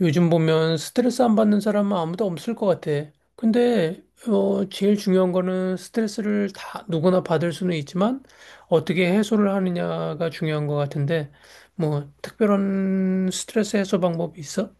요즘 보면 스트레스 안 받는 사람은 아무도 없을 것 같아. 근데, 제일 중요한 거는 스트레스를 다 누구나 받을 수는 있지만 어떻게 해소를 하느냐가 중요한 것 같은데, 뭐, 특별한 스트레스 해소 방법이 있어?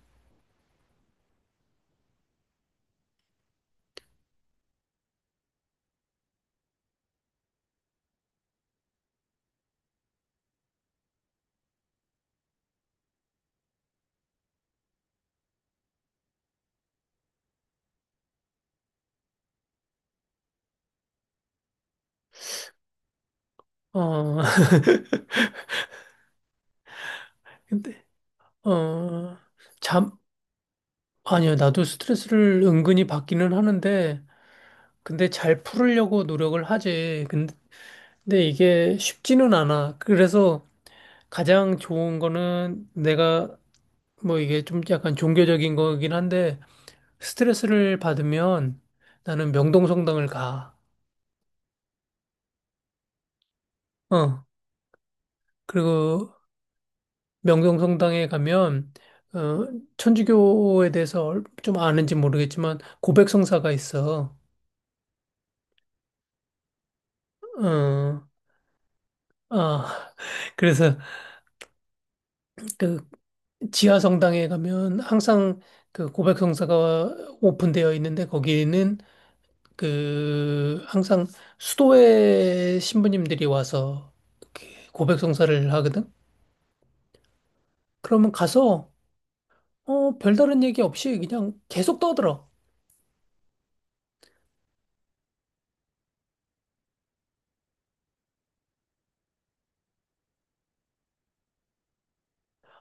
어, 근데, 어, 잠, 아니요. 나도 스트레스를 은근히 받기는 하는데, 근데 잘 풀으려고 노력을 하지. 근데 이게 쉽지는 않아. 그래서 가장 좋은 거는 내가 뭐 이게 좀 약간 종교적인 거긴 한데 스트레스를 받으면 나는 명동성당을 가. 어. 그리고 명동성당에 가면 어 천주교에 대해서 좀 아는지 모르겠지만 고백성사가 있어. 어. 아. 그래서 그 지하 성당에 가면 항상 그 고백성사가 오픈되어 있는데 거기는 그 항상 수도에 신부님들이 와서 이렇게 고백 성사를 하거든. 그러면 가서 별다른 얘기 없이 그냥 계속 떠들어.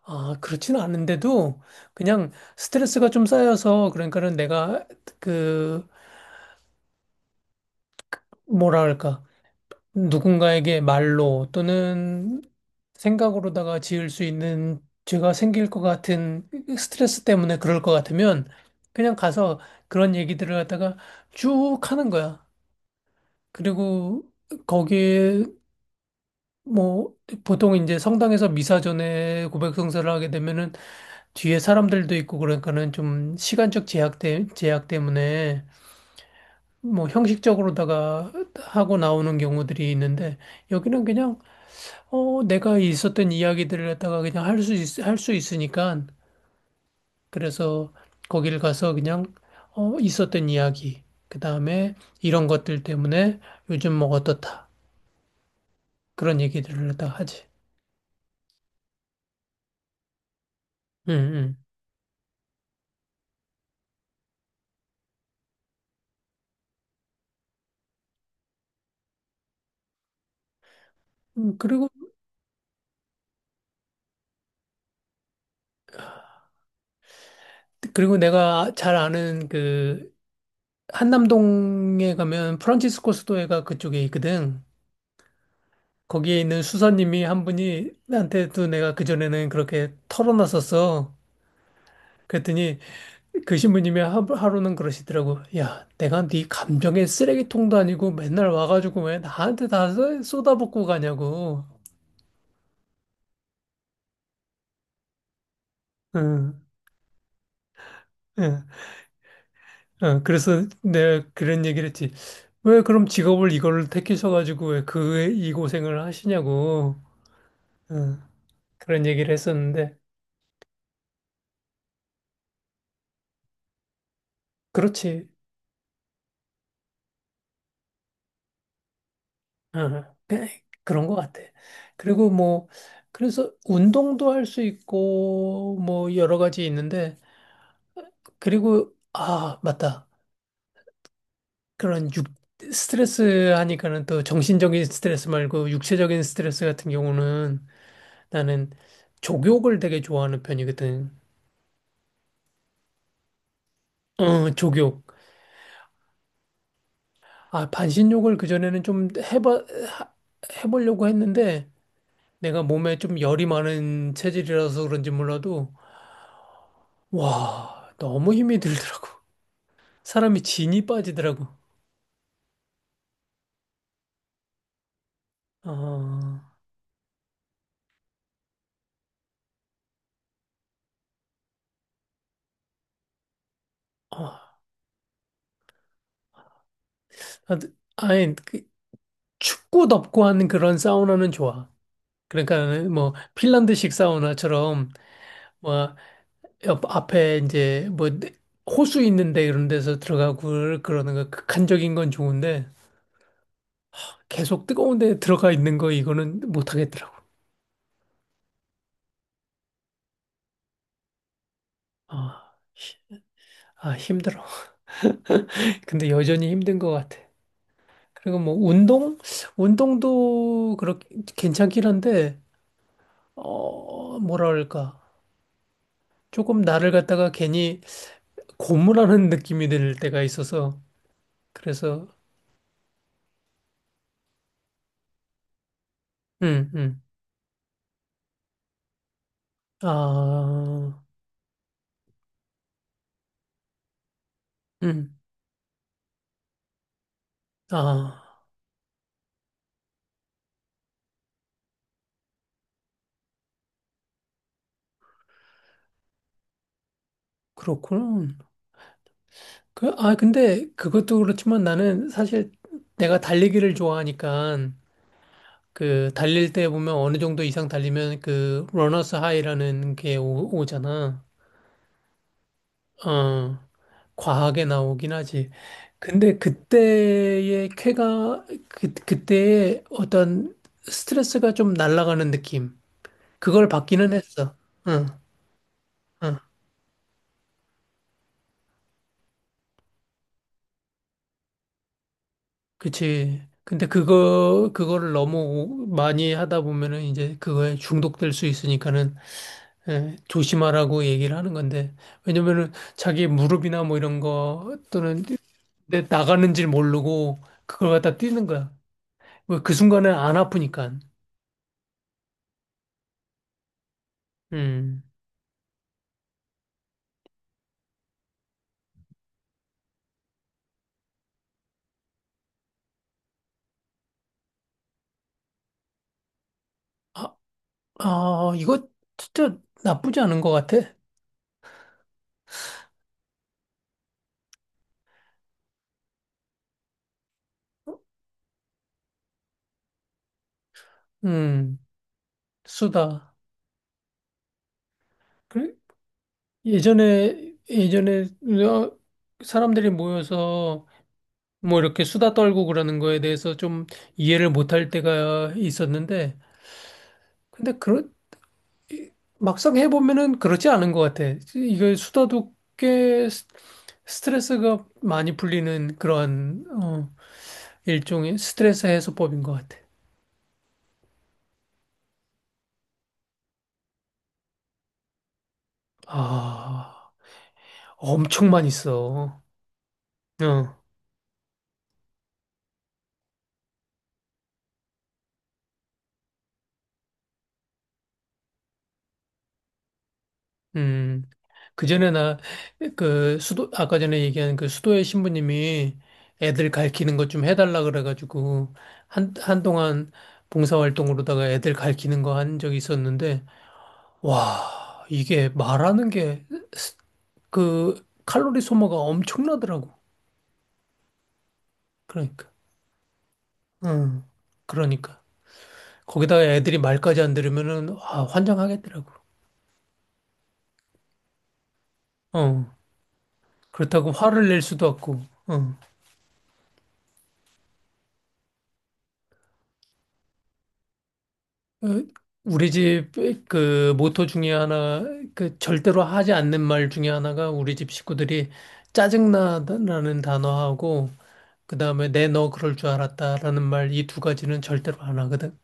아, 그렇지는 않은데도 그냥 스트레스가 좀 쌓여서 그러니까는 내가 그 뭐라 할까 누군가에게 말로 또는 생각으로다가 지을 수 있는 죄가 생길 것 같은 스트레스 때문에 그럴 것 같으면 그냥 가서 그런 얘기들을 갖다가 쭉 하는 거야. 그리고 거기에 뭐 보통 이제 성당에서 미사 전에 고백성사를 하게 되면은 뒤에 사람들도 있고 그러니까는 좀 시간적 제약 때문에 뭐 형식적으로다가 하고 나오는 경우들이 있는데 여기는 그냥 어, 내가 있었던 이야기들을 갖다가 그냥 할 수 있으니까, 그래서 거기를 가서 그냥, 어, 있었던 이야기, 그 다음에 이런 것들 때문에 요즘 뭐 어떻다. 그런 얘기들을 갖다가 하지. 응, 응. 그리고 내가 잘 아는 그, 한남동에 가면 프란치스코 스토어가 그쪽에 있거든. 거기에 있는 수사님이 한 분이 나한테도 내가 그전에는 그렇게 털어놨었어. 그랬더니 그 신부님이 하루는 그러시더라고. 야, 내가 네 감정의 쓰레기통도 아니고 맨날 와가지고 왜 나한테 다 쏟아붓고 가냐고. 응, 응, 응. 그래서 내가 그런 얘기를 했지. 왜 그럼 직업을 이걸 택하셔가지고 왜 그 이 고생을 하시냐고. 응, 그런 얘기를 했었는데. 그렇지. 응, 응. 그런 것 같아. 그리고 뭐, 그래서 운동도 할 수 있고, 뭐, 여러 가지 있는데. 그리고, 아, 맞다. 그런 육, 스트레스 하니까는 또 정신적인 스트레스 말고 육체적인 스트레스 같은 경우는 나는 족욕을 되게 좋아하는 편이거든. 어, 족욕. 아, 반신욕을 그전에는 하- 해보려고 했는데 내가 몸에 좀 열이 많은 체질이라서 그런지 몰라도 와, 너무 힘이 들더라고. 사람이 진이 빠지더라고. 어, 어, 아니, 그 춥고 덥고 하는 그런 사우나는 좋아. 그러니까 뭐 핀란드식 사우나처럼 뭐 옆 앞에 이제 뭐 호수 있는데 이런 데서 들어가고 그러는 거 극한적인 건 좋은데 계속 뜨거운 데 들어가 있는 거 이거는 못 하겠더라고. 아, 히- 아 힘들어. 근데 여전히 힘든 것 같아. 그리고 뭐 운동도 그렇게 괜찮긴 한데 어 뭐랄까 조금 나를 갖다가 괜히 고무라는 느낌이 들 때가 있어서 그래서 음, 음. 아, 음, 아, 그렇군. 그, 아, 근데 그것도 그렇지만 나는 사실 내가 달리기를 좋아하니까 그 달릴 때 보면 어느 정도 이상 달리면 그 러너스 하이라는 게 오잖아. 어, 과하게 나오긴 하지. 근데 그때의 어떤 스트레스가 좀 날아가는 느낌. 그걸 받기는 했어. 응, 응. 그치. 근데 그거를 너무 많이 하다 보면은 이제 그거에 중독될 수 있으니까는 예, 조심하라고 얘기를 하는 건데. 왜냐면은 자기 무릎이나 뭐 이런 거 또는 내 나가는 줄 모르고 그걸 갖다 뛰는 거야. 왜 그 순간에 안 아프니까. 음. 아, 아, 이거 진짜 나쁘지 않은 것 같아. 음, 수다. 그래? 예전에 어, 사람들이 모여서 뭐 이렇게 수다 떨고 그러는 거에 대해서 좀 이해를 못할 때가 있었는데, 근데 그런 막상 해보면은 그렇지 않은 것 같아. 이게 수다도 스트레스가 많이 풀리는 그러한 어, 일종의 스트레스 해소법인 것 같아. 아, 엄청 많이 써. 어. 음, 그 전에 나, 그, 수도, 아까 전에 얘기한 그 수도의 신부님이 애들 가르치는 것 좀 해달라 그래가지고, 한동안 봉사활동으로다가 애들 가르치는 거 한 적이 있었는데, 와, 이게 말하는 게, 스- 그, 칼로리 소모가 엄청나더라고. 그러니까. 응, 그러니까. 거기다가 애들이 말까지 안 들으면은, 아, 환장하겠더라고. 어, 그렇다고 화를 낼 수도 없고, 어. 어, 우리 집 그 모토 중에 하나, 그 절대로 하지 않는 말 중에 하나가 우리 집 식구들이 짜증나다라는 단어하고, 그 다음에 내 너 그럴 줄 알았다라는 말 이 두 가지는 절대로 안 하거든.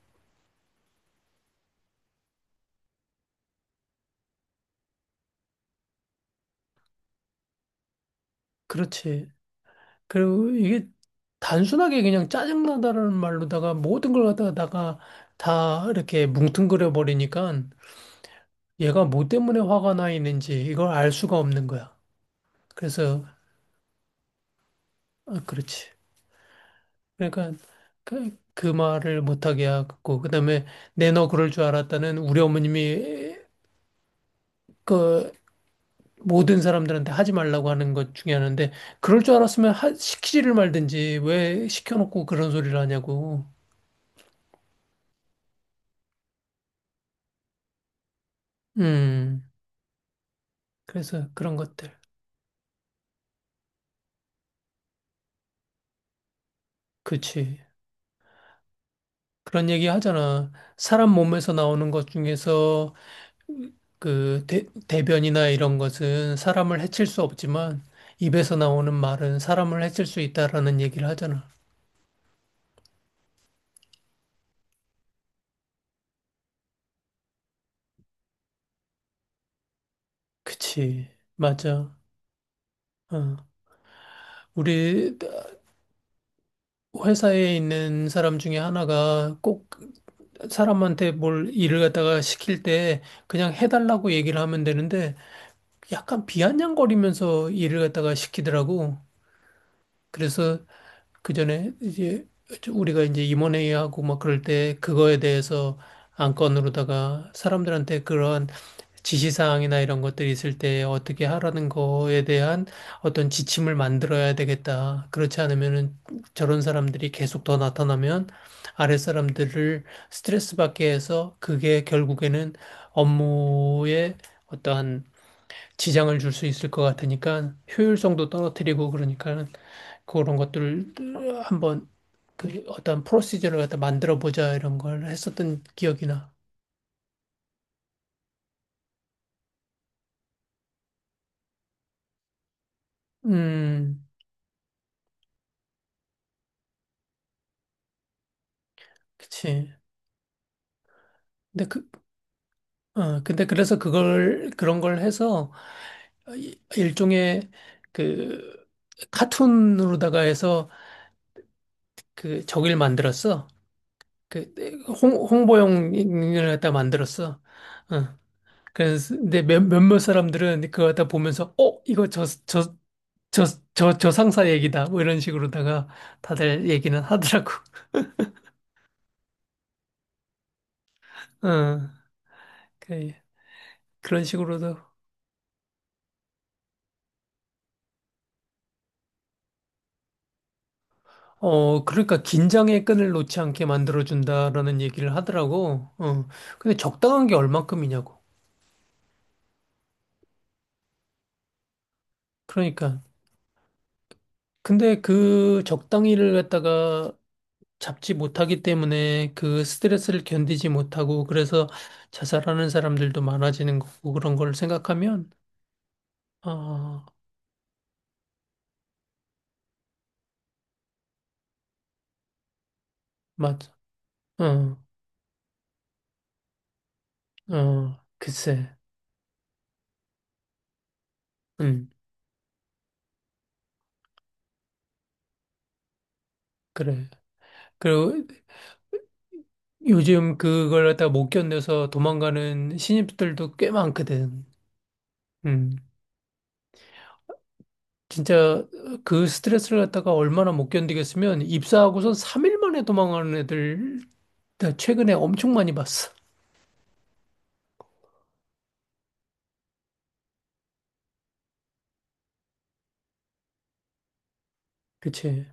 그렇지. 그리고 이게 단순하게 그냥 짜증나다라는 말로다가 모든 걸 갖다가 다 이렇게 뭉뚱그려 버리니까 얘가 뭐 때문에 화가 나 있는지 이걸 알 수가 없는 거야. 그래서, 아, 그렇지. 그러니까 그 말을 못하게 하고 그다음에 내 너 그럴 줄 알았다는 우리 어머님이 그 모든 사람들한테 하지 말라고 하는 것 중에 하나인데 그럴 줄 알았으면 시키지를 말든지 왜 시켜놓고 그런 소리를 하냐고. 음, 그래서 그런 것들. 그치. 그런 얘기 하잖아. 사람 몸에서 나오는 것 중에서 그 대변이나 이런 것은 사람을 해칠 수 없지만 입에서 나오는 말은 사람을 해칠 수 있다라는 얘기를 하잖아. 그치, 맞아. 어. 우리 회사에 있는 사람 중에 하나가 꼭 사람한테 뭘 일을 갖다가 시킬 때 그냥 해달라고 얘기를 하면 되는데 약간 비아냥거리면서 일을 갖다가 시키더라고. 그래서 그 전에 이제 우리가 이제 임원회의하고 막 그럴 때 그거에 대해서 안건으로다가 사람들한테 그러한 지시사항이나 이런 것들이 있을 때 어떻게 하라는 거에 대한 어떤 지침을 만들어야 되겠다. 그렇지 않으면은 저런 사람들이 계속 더 나타나면 아랫 사람들을 스트레스 받게 해서 그게 결국에는 업무에 어떠한 지장을 줄 수 있을 것 같으니까 효율성도 떨어뜨리고 그러니까 그런 것들을 한번 그 어떤 프로시저를 갖다 만들어 보자 이런 걸 했었던 기억이나. 음, 그치. 근데 그, 어, 근데 그래서 그런 걸 해서 일종의 그 카툰으로다가 해서 그저를 만들었어. 그 홍보용을 갖다 만들었어. 어. 그래서 근데 몇몇 사람들은 그거 갖다 보면서 어, 이거 저, 저, 저, 저, 저 상사 얘기다. 뭐 이런 식으로다가 다들 얘기는 하더라고. 어. 그, 그런 식으로도 어, 그러니까 긴장의 끈을 놓지 않게 만들어준다라는 얘기를 하더라고. 어, 근데 적당한 게 얼만큼이냐고. 그러니까. 근데 그 적당히를 갖다가 잡지 못하기 때문에 그 스트레스를 견디지 못하고 그래서 자살하는 사람들도 많아지는 거고 그런 걸 생각하면, 아, 맞아. 어, 어, 글쎄. 음, 그래. 그리고 요즘 그걸 갖다가 못 견뎌서 도망가는 신입들도 꽤 많거든. 음. 진짜 어, 그 스트레스를 갖다가 얼마나 못 견디겠으면 입사하고선 3일 만에 도망가는 애들 나 최근에 엄청 많이 봤어. 그치.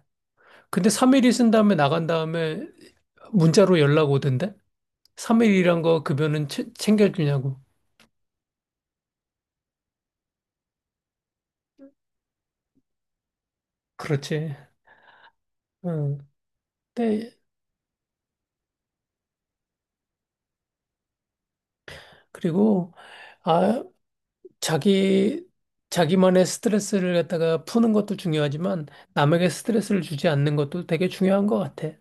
근데 3일 있은 다음에 나간 다음에 문자로 연락 오던데? 3일이란 거 급여는 챙겨주냐고. 그렇지. 응. 근데 그리고 아 자기 자기만의 스트레스를 갖다가 푸는 것도 중요하지만 남에게 스트레스를 주지 않는 것도 되게 중요한 것 같아.